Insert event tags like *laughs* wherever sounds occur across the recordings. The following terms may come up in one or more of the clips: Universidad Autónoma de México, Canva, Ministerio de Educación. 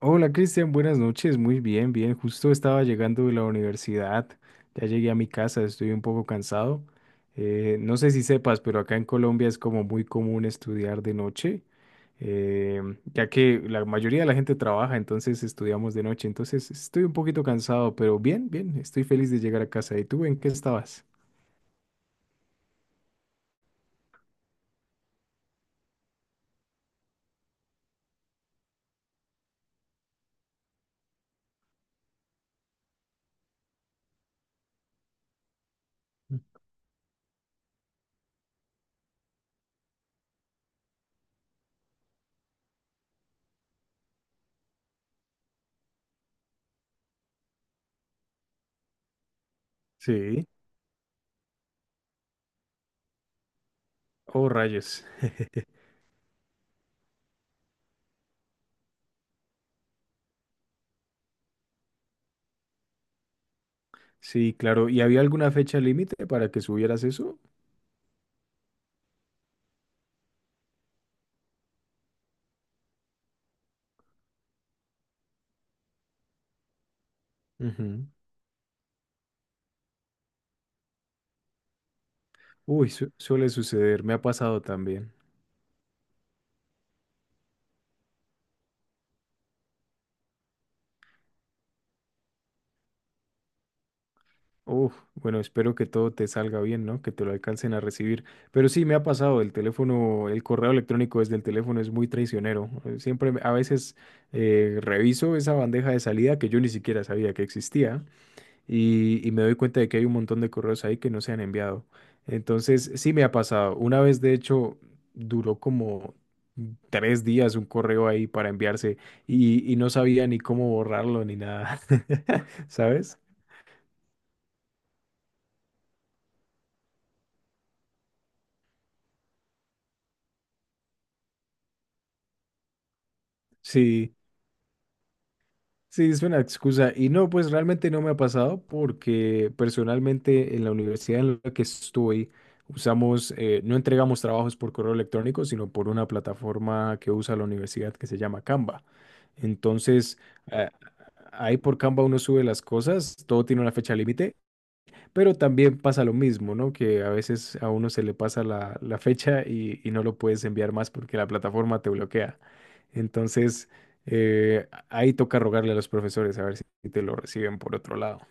Hola Cristian, buenas noches, muy bien, bien, justo estaba llegando de la universidad, ya llegué a mi casa, estoy un poco cansado. No sé si sepas, pero acá en Colombia es como muy común estudiar de noche, eh, ya que la mayoría de la gente trabaja, entonces estudiamos de noche, entonces estoy un poquito cansado, pero bien, bien, estoy feliz de llegar a casa. ¿Y tú en qué estabas? Sí. Oh, rayos. *laughs* Sí, claro, ¿y había alguna fecha límite para que subieras eso? Uy, suele suceder, me ha pasado también. Uf, bueno, espero que todo te salga bien, ¿no? Que te lo alcancen a recibir. Pero sí, me ha pasado, el teléfono, el correo electrónico desde el teléfono es muy traicionero. Siempre, a veces reviso esa bandeja de salida que yo ni siquiera sabía que existía. Y me doy cuenta de que hay un montón de correos ahí que no se han enviado. Entonces, sí me ha pasado. Una vez, de hecho, duró como 3 días un correo ahí para enviarse y no sabía ni cómo borrarlo ni nada, *laughs* ¿sabes? Sí. Sí, es una excusa. Y no, pues realmente no me ha pasado porque personalmente en la universidad en la que estoy no entregamos trabajos por correo electrónico, sino por una plataforma que usa la universidad que se llama Canva. Entonces, eh, ahí por Canva uno sube las cosas, todo tiene una fecha límite, pero también pasa lo mismo, ¿no? Que a veces a uno se le pasa la fecha y no lo puedes enviar más porque la plataforma te bloquea. Entonces, ahí toca rogarle a los profesores a ver si te lo reciben por otro lado.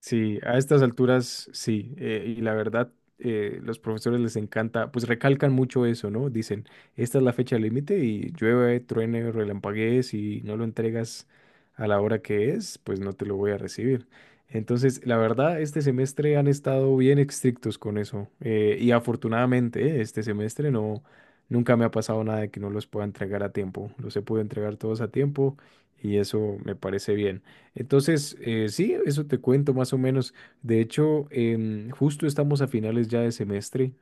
Sí, a estas alturas sí, y la verdad, los profesores les encanta, pues recalcan mucho eso, ¿no? Dicen, esta es la fecha límite y llueve, truene, relampaguees y no lo entregas a la hora que es, pues no te lo voy a recibir. Entonces, la verdad, este semestre han estado bien estrictos con eso, y afortunadamente, este semestre no, nunca me ha pasado nada de que no los pueda entregar a tiempo, los he podido entregar todos a tiempo y eso me parece bien. Entonces, sí, eso te cuento más o menos. De hecho, justo estamos a finales ya de semestre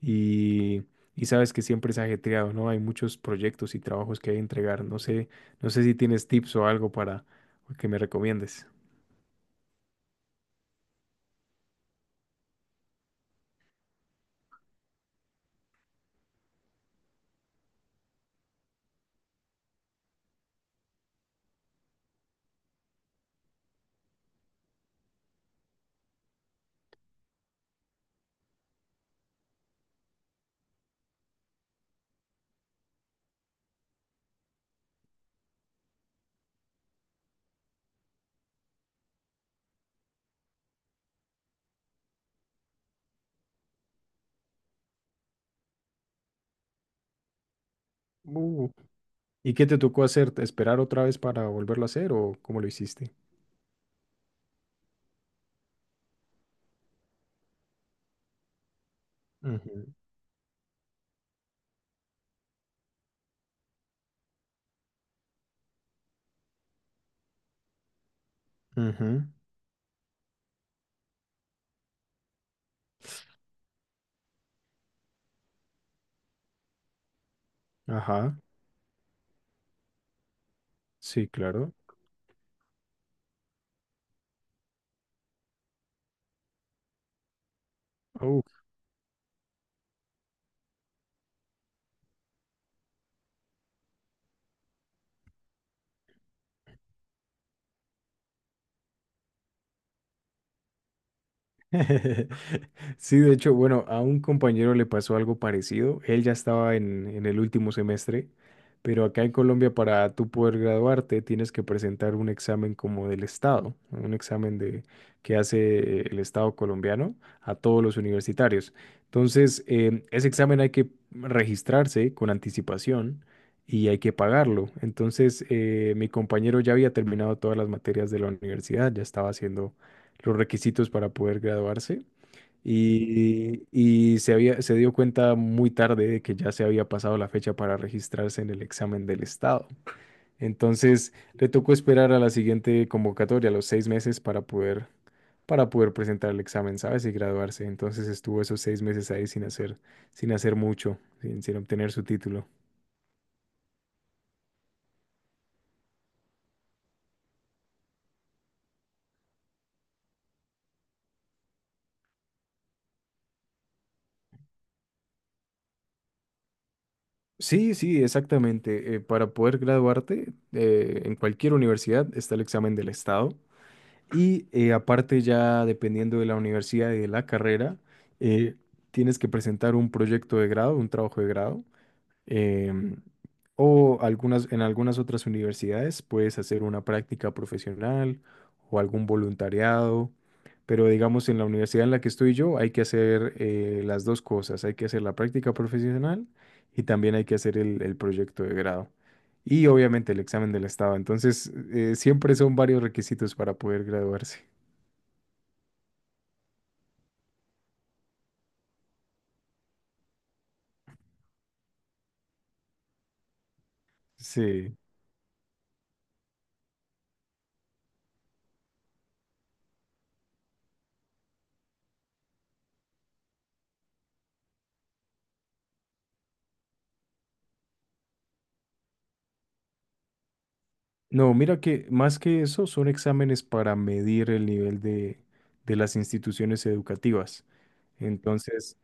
y, y sabes que siempre es ajetreado, ¿no? Hay muchos proyectos y trabajos que hay que entregar. No sé si tienes tips o algo para que me recomiendes. Uh, ¿Y qué te tocó hacer? ¿Esperar otra vez para volverlo a hacer o cómo lo hiciste? Ujú. Ujú, ajá, sí, claro. *laughs* Sí, de hecho, bueno, a un compañero le pasó algo parecido. Él ya estaba en el último semestre, pero acá en Colombia para tú poder graduarte tienes que presentar un examen como del Estado, un examen de que hace el Estado colombiano a todos los universitarios. Entonces, ese examen hay que registrarse con anticipación y hay que pagarlo. Entonces, mi compañero ya había terminado todas las materias de la universidad, ya estaba haciendo los requisitos para poder graduarse y se dio cuenta muy tarde de que ya se había pasado la fecha para registrarse en el examen del estado. Entonces le tocó esperar a la siguiente convocatoria, los 6 meses, para poder presentar el examen, ¿sabes? Y graduarse. Entonces estuvo esos 6 meses ahí sin hacer, sin hacer mucho, sin, sin obtener su título. Sí, sí, exactamente. Para poder graduarte en cualquier universidad está el examen del estado. Y aparte ya dependiendo de la universidad y de la carrera, eh, tienes que presentar un proyecto de grado, un trabajo de grado, em, o algunas, en algunas otras universidades puedes hacer una práctica profesional o algún voluntariado, pero digamos en la universidad en la que estoy yo hay que hacer las dos cosas, hay que hacer la práctica profesional y también hay que hacer el proyecto de grado y obviamente el examen del estado. Entonces, siempre son varios requisitos para poder graduarse. Sí. No, mira que más que eso son exámenes para medir el nivel de las instituciones educativas. Entonces,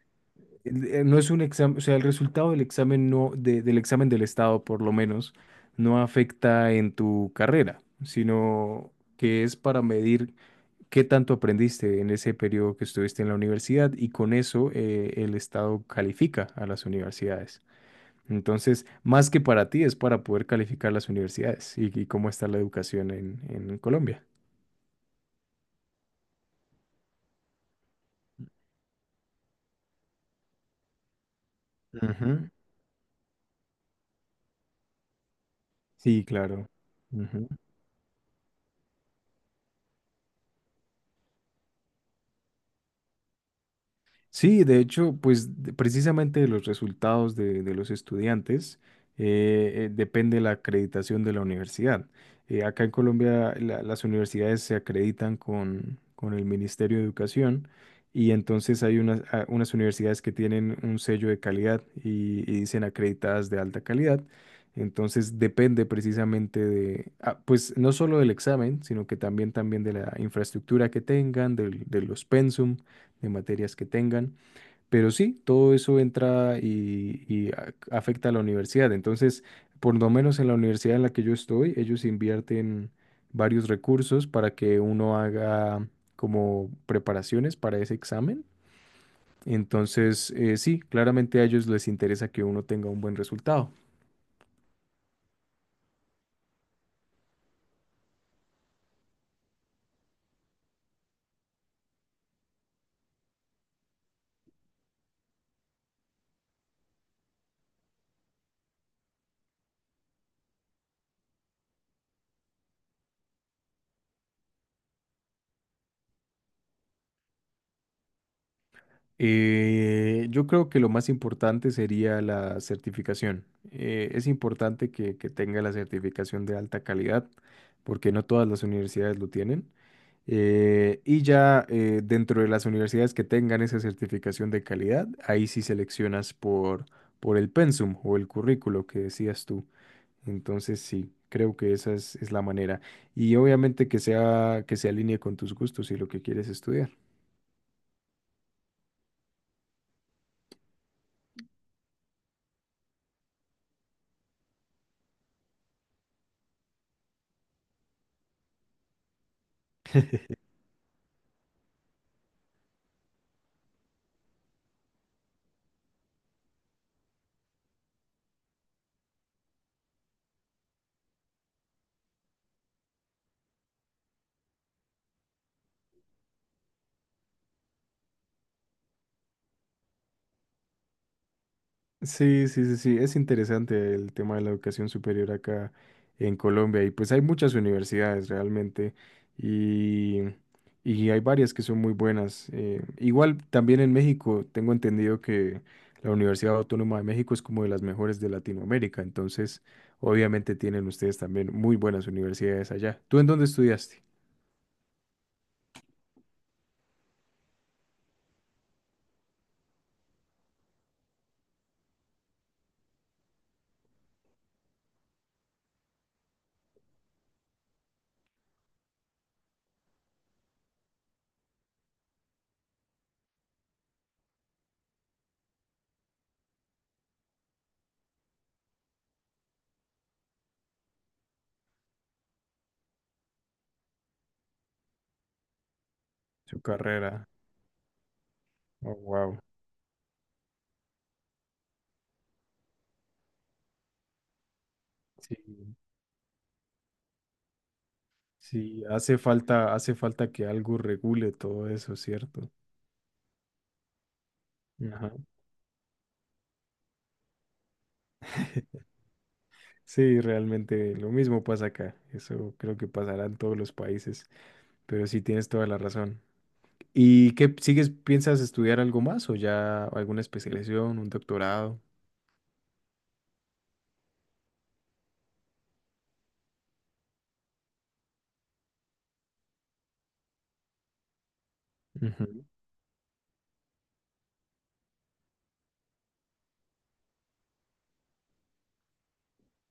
no es un examen, o sea, el resultado del examen no, del examen del Estado, por lo menos, no afecta en tu carrera, sino que es para medir qué tanto aprendiste en ese periodo que estuviste en la universidad y con eso el Estado califica a las universidades. Entonces, más que para ti, es para poder calificar las universidades y cómo está la educación en Colombia. Ujú. Sí, claro. Ujú. Sí, de hecho, pues precisamente de los resultados de los estudiantes depende la acreditación de la universidad. Acá en Colombia las universidades se acreditan con el Ministerio de Educación y entonces hay unas universidades que tienen un sello de calidad y dicen acreditadas de alta calidad. Entonces depende precisamente de, ah, pues no solo del examen, sino que también, también de la infraestructura que tengan, de los pensum de materias que tengan. Pero sí, todo eso entra y afecta a la universidad. Entonces, por lo menos en la universidad en la que yo estoy, ellos invierten varios recursos para que uno haga como preparaciones para ese examen. Entonces, sí, claramente a ellos les interesa que uno tenga un buen resultado. Yo creo que lo más importante sería la certificación. Es importante que tenga la certificación de alta calidad, porque no todas las universidades lo tienen. Y ya dentro de las universidades que tengan esa certificación de calidad, ahí sí seleccionas por el pensum o el currículo que decías tú. Entonces sí, creo que esa es la manera. Y obviamente que sea, que se alinee con tus gustos y lo que quieres estudiar. *laughs* Sí, sí, sí, sí, es interesante el tema de la educación superior acá en Colombia y pues hay muchas universidades realmente y, y hay varias que son muy buenas. Igual también en México tengo entendido que la Universidad Autónoma de México es como de las mejores de Latinoamérica, entonces obviamente tienen ustedes también muy buenas universidades allá. ¿Tú en dónde estudiaste? Su carrera. Oh, wow. Sí, sí, hace falta que algo regule todo eso, ¿cierto? Ajá. Sí, realmente lo mismo pasa acá. Eso creo que pasará en todos los países, pero sí tienes toda la razón. ¿Y qué sigues? ¿Piensas estudiar algo más o ya alguna especialización, un doctorado? Ujú.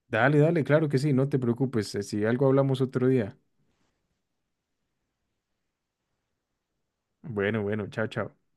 Dale, dale, claro que sí, no te preocupes. Si algo hablamos otro día. Bueno, bueno, chao, chao.